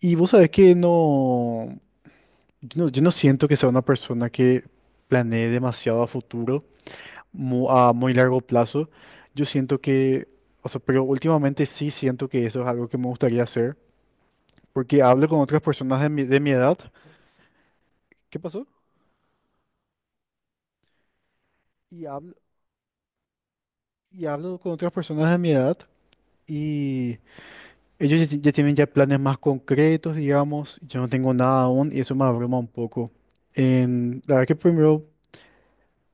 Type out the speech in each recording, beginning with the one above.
Y vos sabés que no, yo no siento que sea una persona que planee demasiado a futuro, a muy largo plazo. Yo siento que, o sea, pero últimamente sí siento que eso es algo que me gustaría hacer, porque hablo con otras personas de mi edad. ¿Qué pasó? Y hablo, y hablo con otras personas de mi edad y ellos ya tienen ya planes más concretos, digamos. Yo no tengo nada aún y eso me abruma un poco. La verdad que primero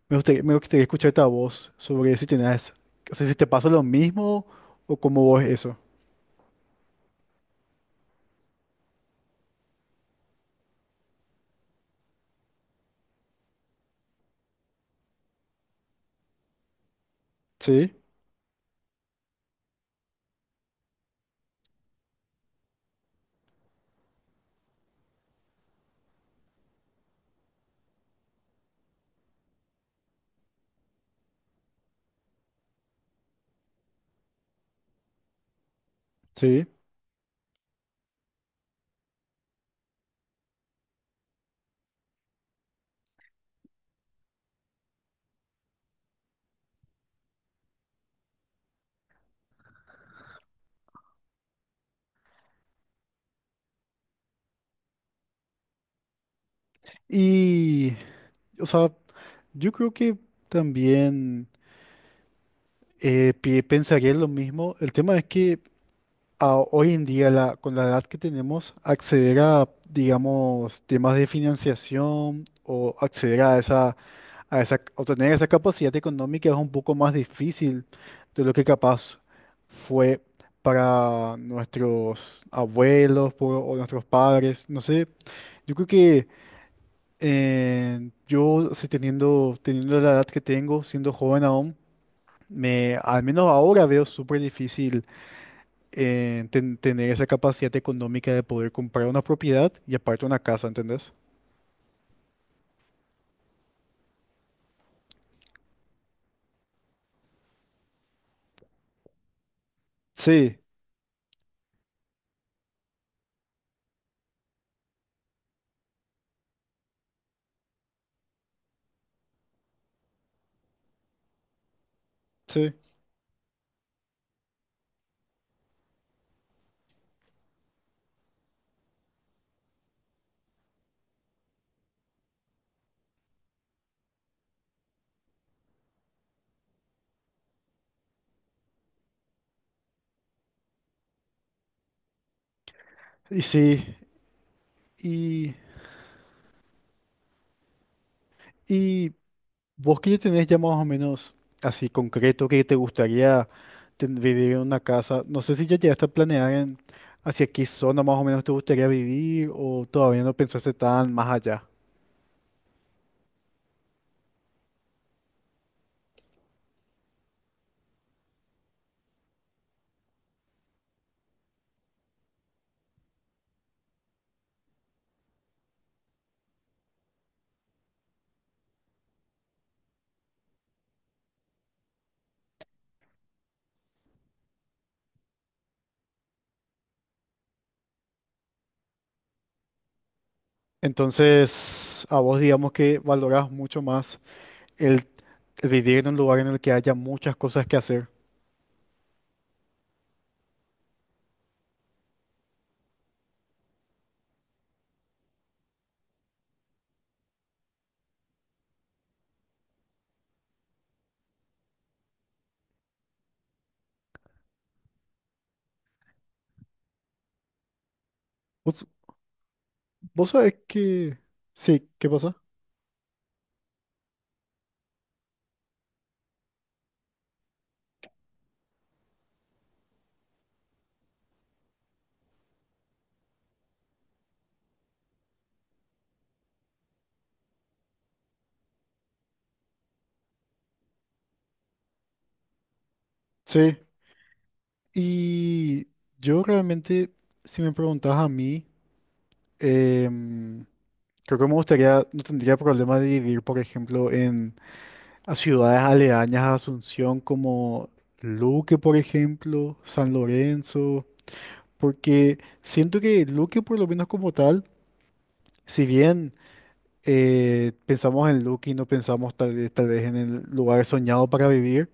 me gustaría escuchar tu voz sobre si tenés, o sea, si te pasa lo mismo o cómo vos eso. Sí, sí. Y, o sea, yo creo que también pensaría lo mismo. El tema es que a hoy en día, con la edad que tenemos, acceder a, digamos, temas de financiación o acceder a esa, o tener esa capacidad económica es un poco más difícil de lo que capaz fue para nuestros abuelos o nuestros padres. No sé, yo creo que yo, si teniendo la edad que tengo, siendo joven aún, me, al menos ahora veo súper difícil tener esa capacidad económica de poder comprar una propiedad y aparte una casa, ¿entendés? Sí, sí. Y sí, y, y vos que ya tenés ya más o menos así concreto que te gustaría vivir en una casa, no sé si ya llegaste a planear en hacia qué zona más o menos te gustaría vivir o todavía no pensaste tan más allá. Entonces, a vos digamos que valorás mucho más el, el vivir en un lugar en el que haya muchas cosas que hacer. Vos sabés que... Sí, ¿qué pasa? Sí. Y yo realmente, si me preguntás a mí, em, creo que me gustaría, no tendría problema de vivir, por ejemplo, en a ciudades aledañas a Asunción como Luque, por ejemplo, San Lorenzo, porque siento que Luque, por lo menos como tal, si bien... pensamos en Lucky, no pensamos tal vez en el lugar soñado para vivir.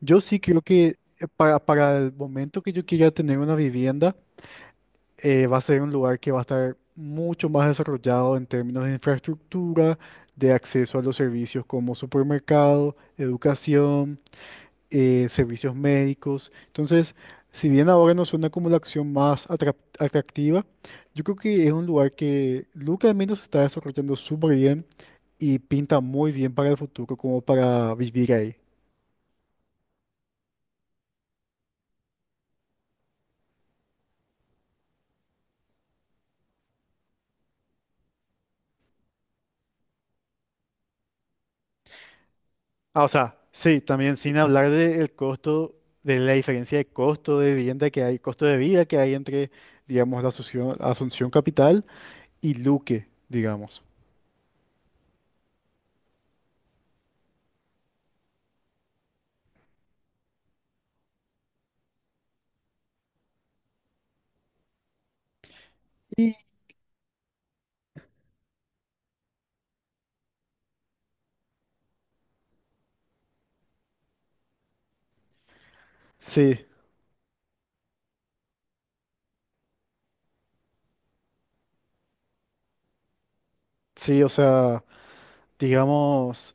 Yo sí creo que para el momento que yo quiera tener una vivienda, va a ser un lugar que va a estar mucho más desarrollado en términos de infraestructura, de acceso a los servicios como supermercado, educación, servicios médicos. Entonces, si bien ahora no suena como la acción más atractiva, yo creo que es un lugar que Luca al menos está desarrollando súper bien y pinta muy bien para el futuro como para vivir ahí. Ah, o sea, sí, también sin hablar del costo, de la diferencia de costo de vivienda que hay, costo de vida que hay entre, digamos, la Asunción, Asunción Capital y Luque, digamos. Y sí, sí, o sea, digamos,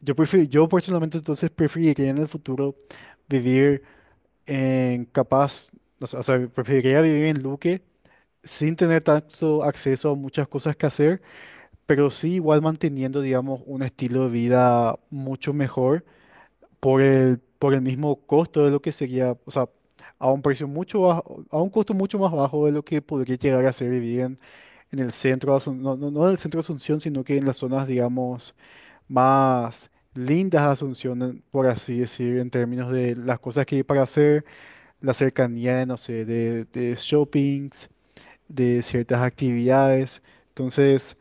yo personalmente entonces preferiría en el futuro vivir en capaz, o sea, preferiría vivir en Luque sin tener tanto acceso a muchas cosas que hacer pero sí igual manteniendo, digamos, un estilo de vida mucho mejor por el mismo costo de lo que sería, o sea, a un precio mucho bajo, a un costo mucho más bajo de lo que podría llegar a ser vivir en el centro, de Asun- no, no, no en el centro de Asunción, sino que en las zonas, digamos, más lindas de Asunción, por así decir, en términos de las cosas que hay para hacer, la cercanía, no sé, de shoppings, de ciertas actividades. Entonces,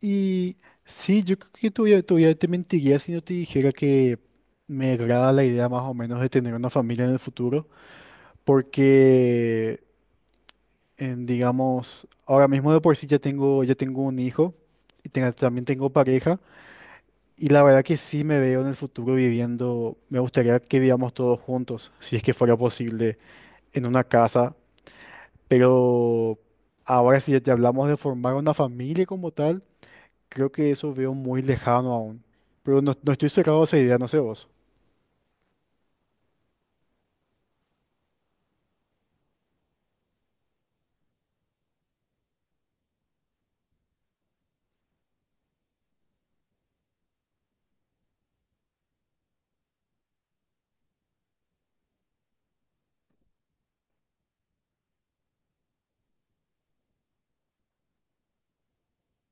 y sí, yo creo que todavía te mentiría si no te dijera que me agrada la idea más o menos de tener una familia en el futuro, porque, en, digamos, ahora mismo de por sí ya tengo un hijo y también tengo pareja, y la verdad que sí me veo en el futuro viviendo, me gustaría que vivamos todos juntos, si es que fuera posible, en una casa, pero ahora si ya te hablamos de formar una familia como tal. Creo que eso veo muy lejano aún. Pero no, no estoy cerrado a esa idea, no sé vos.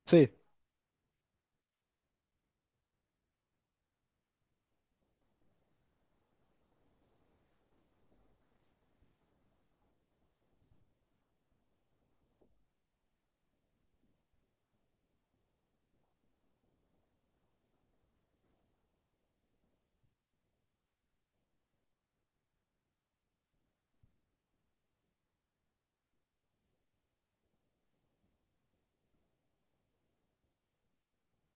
Sí,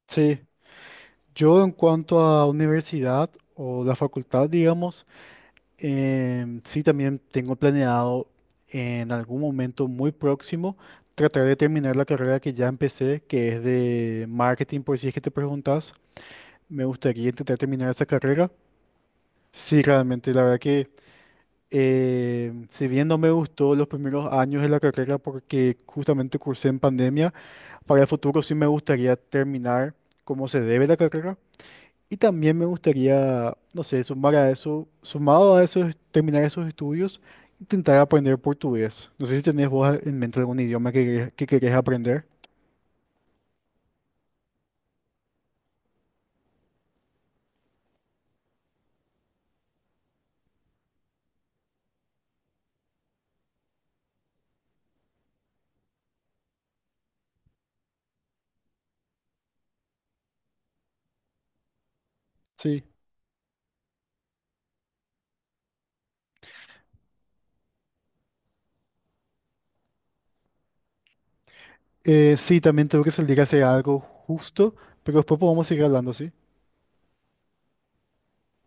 sí. Yo en cuanto a universidad o la facultad, digamos, sí también tengo planeado en algún momento muy próximo tratar de terminar la carrera que ya empecé, que es de marketing, por si es que te preguntas. Me gustaría intentar terminar esa carrera. Sí, realmente, la verdad que si bien no me gustó los primeros años de la carrera porque justamente cursé en pandemia, para el futuro sí me gustaría terminar como se debe la carrera y también me gustaría, no sé, sumado a eso, es terminar esos estudios, intentar aprender portugués. No sé si tenés vos en mente algún idioma que, que querés aprender. Sí. Sí, también tengo que salir a hacer algo justo, pero después podemos seguir hablando, ¿sí?